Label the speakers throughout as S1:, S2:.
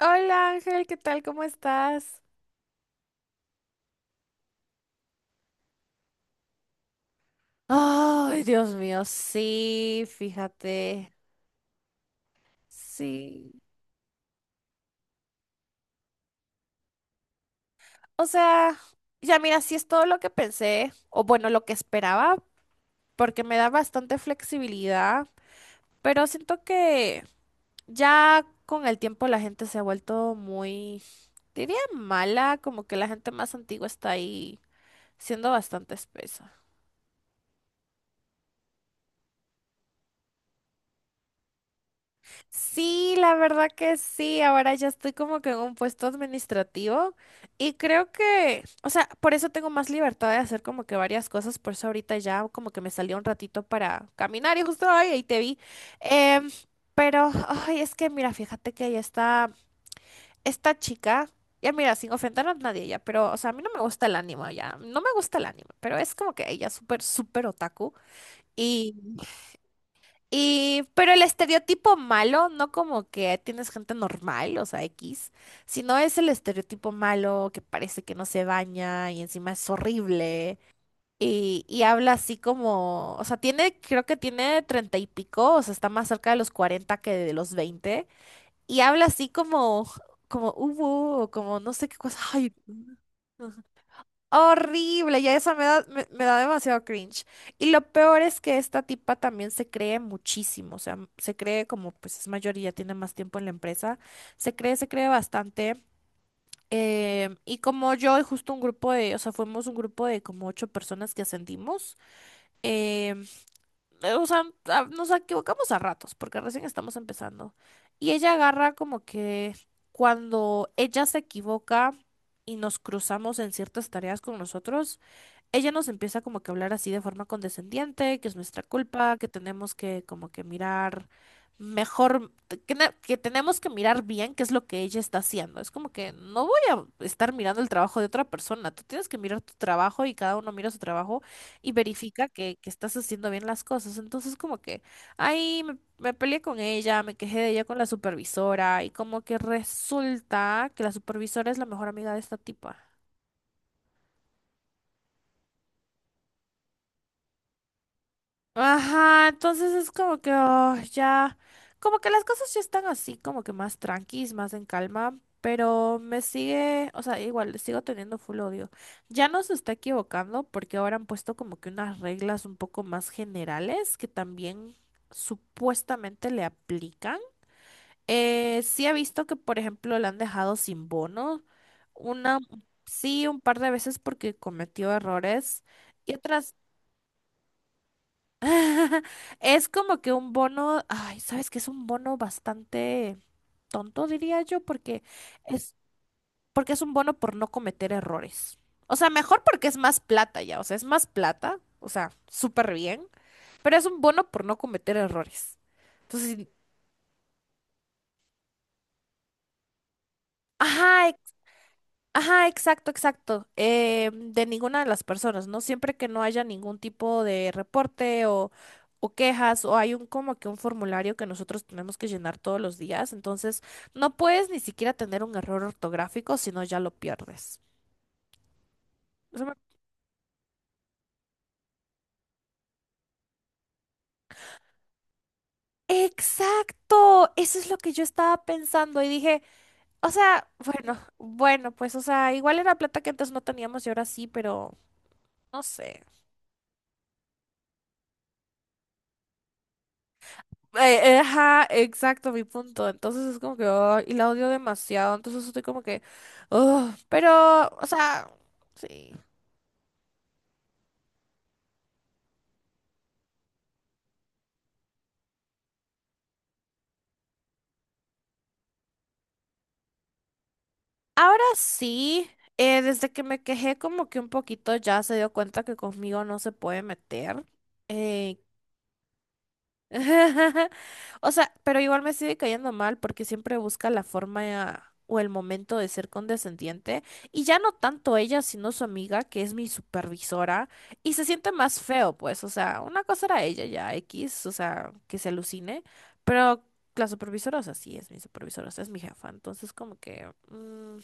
S1: Hola Ángel, ¿qué tal? ¿Cómo estás? Ay, Dios mío, sí, fíjate. Sí. O sea, ya mira, sí es todo lo que pensé, o bueno, lo que esperaba, porque me da bastante flexibilidad, pero siento que ya con el tiempo la gente se ha vuelto muy, diría mala, como que la gente más antigua está ahí siendo bastante espesa. Sí, la verdad que sí. Ahora ya estoy como que en un puesto administrativo y creo que, o sea, por eso tengo más libertad de hacer como que varias cosas. Por eso ahorita ya como que me salió un ratito para caminar y justo ahí te vi. Em, pero, ay, es que mira, fíjate que ya está esta chica. Ya mira, sin ofender a nadie ya, pero, o sea, a mí no me gusta el ánimo ya. No me gusta el ánimo, pero es como que ella es súper, súper otaku. Y, pero el estereotipo malo, no como que tienes gente normal, o sea, X, sino es el estereotipo malo que parece que no se baña y encima es horrible y habla así como, o sea, tiene, creo que tiene treinta y pico, o sea, está más cerca de los cuarenta que de los veinte y habla así como, como hubo, o como no sé qué cosa, ay, no. Horrible, ya eso me da demasiado cringe. Y lo peor es que esta tipa también se cree muchísimo, o sea, se cree como pues es mayor y ya tiene más tiempo en la empresa, se cree bastante. Y como yo y justo o sea, fuimos un grupo de como ocho personas que ascendimos. eh, o sea, nos equivocamos a ratos porque recién estamos empezando. Y ella agarra como que cuando ella se equivoca y nos cruzamos en ciertas tareas con nosotros, ella nos empieza como que a hablar así de forma condescendiente, que es nuestra culpa, que tenemos que como que mirar mejor, que, que tenemos que mirar bien qué es lo que ella está haciendo. Es como que no voy a estar mirando el trabajo de otra persona, tú tienes que mirar tu trabajo y cada uno mira su trabajo y verifica que estás haciendo bien las cosas. Entonces como que ahí me peleé con ella, me quejé de ella con la supervisora y como que resulta que la supervisora es la mejor amiga de esta tipa. Ajá, entonces es como que oh, ya, como que las cosas ya están así, como que más tranquis, más en calma, pero me sigue, o sea, igual le sigo teniendo full odio. Ya no se está equivocando porque ahora han puesto como que unas reglas un poco más generales que también supuestamente le aplican. Sí he visto que, por ejemplo, le han dejado sin bono, una, sí, un par de veces porque cometió errores. Y otras. Es como que un bono, ay, sabes que es un bono bastante tonto, diría yo, es, porque es un bono por no cometer errores. O sea, mejor porque es más plata ya, o sea, es más plata, o sea, súper bien, pero es un bono por no cometer errores. Entonces, ajá. Ajá, exacto, exacto. De ninguna de las personas, ¿no? Siempre que no haya ningún tipo de reporte o quejas o hay un como que un formulario que nosotros tenemos que llenar todos los días, entonces no puedes ni siquiera tener un error ortográfico, sino ya lo pierdes. O sea, me- exacto, eso es lo que yo estaba pensando y dije, o sea, bueno, bueno, pues, o sea, igual era plata que antes no teníamos y ahora sí, pero no sé. Ajá, exacto, mi punto. Entonces es como que, ay, y la odio demasiado. Entonces estoy como que, "Ugh", pero, o sea, sí. Ahora sí, desde que me quejé como que un poquito ya se dio cuenta que conmigo no se puede meter. Eh, O sea, pero igual me sigue cayendo mal porque siempre busca la forma o el momento de ser condescendiente. Y ya no tanto ella, sino su amiga, que es mi supervisora. Y se siente más feo, pues. O sea, una cosa era ella ya, X, o sea, que se alucine. Pero la supervisora, o sea, sí es mi supervisora, o sea, es mi jefa. Entonces, como que... Mm.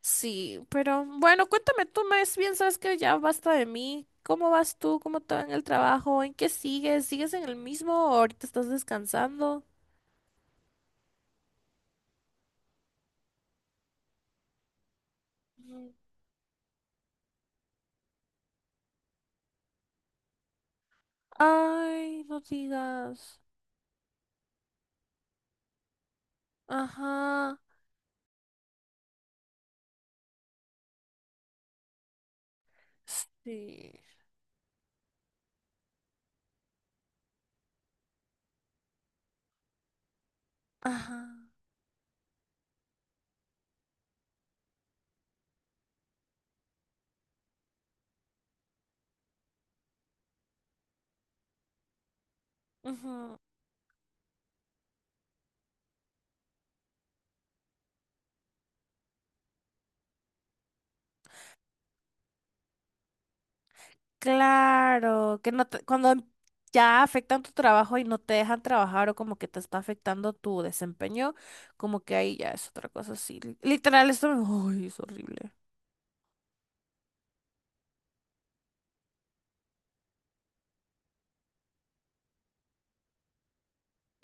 S1: Sí, pero bueno, cuéntame tú más bien, sabes que ya basta de mí. ¿Cómo vas tú? ¿Cómo te va en el trabajo? ¿En qué sigues? ¿Sigues en el mismo o ahorita estás descansando? Mm. Ay, no digas. Ajá. Sí. Ajá. Ujú. Claro, que no te- cuando ya afectan tu trabajo y no te dejan trabajar o como que te está afectando tu desempeño, como que ahí ya es otra cosa así. Literal, esto me... Ay, es horrible.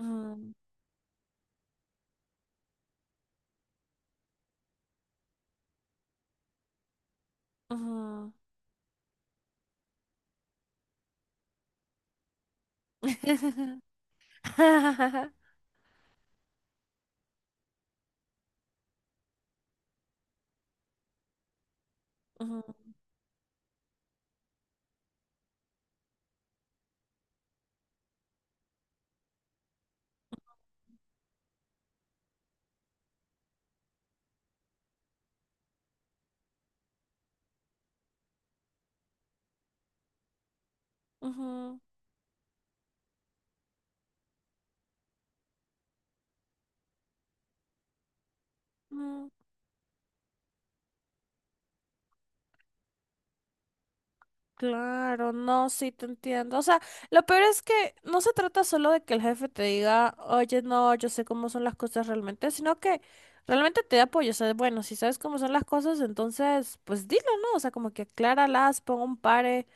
S1: Mm, ujú. Ujú, ujú, ujú. Claro, no, sí te entiendo. O sea, lo peor es que no se trata solo de que el jefe te diga, oye, no, yo sé cómo son las cosas realmente, sino que realmente te dé apoyo. O sea, bueno, si sabes cómo son las cosas, entonces, pues dilo, ¿no? O sea, como que acláralas, pon un pare.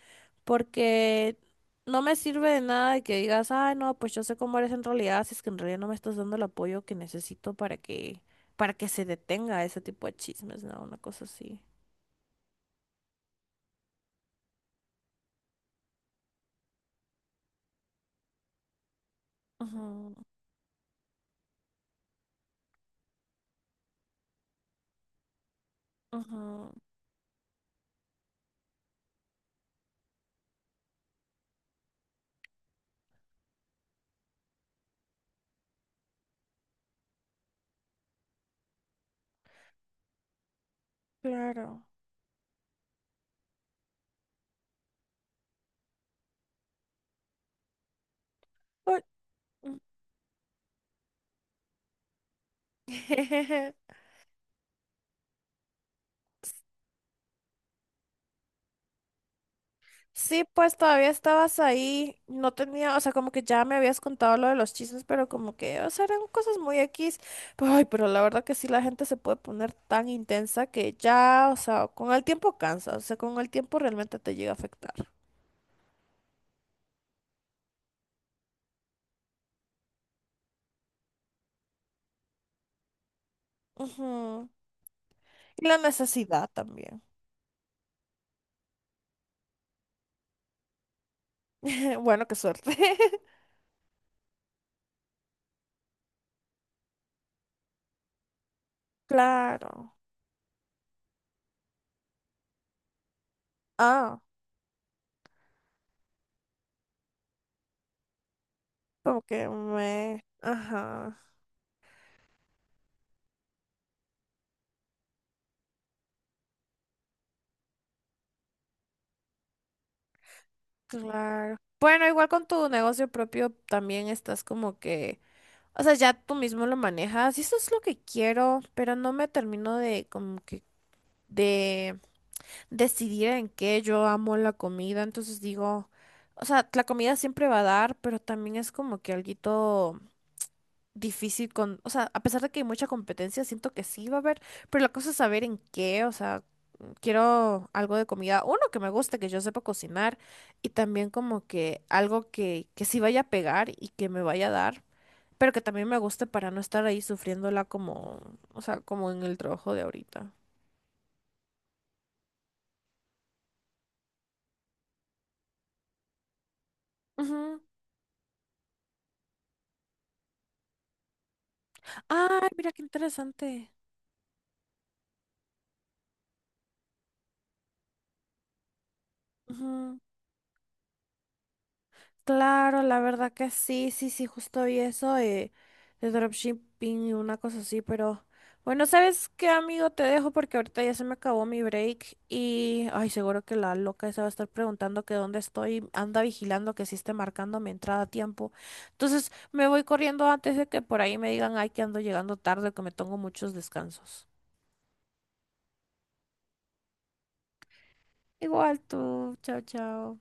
S1: Porque no me sirve de nada de que digas, ay, no, pues yo sé cómo eres en realidad, si es que en realidad no me estás dando el apoyo que necesito para que se detenga ese tipo de chismes, ¿no? Una cosa así. Ujú, ujú, claro. Uy. Sí, pues todavía estabas ahí, no tenía, o sea, como que ya me habías contado lo de los chismes, pero como que, o sea, eran cosas muy X. Pero, ay, pero la verdad que sí, la gente se puede poner tan intensa que ya, o sea, con el tiempo cansa, o sea, con el tiempo realmente te llega a afectar. Ujú. Y la necesidad también. Bueno, qué suerte. Claro. Ah, como que me... Ajá, claro. Bueno, igual con tu negocio propio también estás como que o sea, ya tú mismo lo manejas y eso es lo que quiero, pero no me termino de como que de decidir en qué. Yo amo la comida, entonces digo, o sea, la comida siempre va a dar, pero también es como que alguito difícil con, o sea, a pesar de que hay mucha competencia, siento que sí va a haber, pero la cosa es saber en qué, o sea, quiero algo de comida, uno que me guste, que yo sepa cocinar y también como que algo que sí vaya a pegar y que me vaya a dar, pero que también me guste para no estar ahí sufriéndola como, o sea, como en el trabajo de ahorita. Ujú. Ay, mira qué interesante. Ujú. Claro, la verdad que sí, sí, sí, justo vi eso, de dropshipping y una cosa así, pero bueno, ¿sabes qué, amigo? Te dejo porque ahorita ya se me acabó mi break y ay, seguro que la loca esa va a estar preguntando que dónde estoy, anda vigilando que sí esté marcando mi entrada a tiempo. Entonces, me voy corriendo antes de que por ahí me digan, ay, que ando llegando tarde, que me tengo muchos descansos. Igual tú, chao, chao.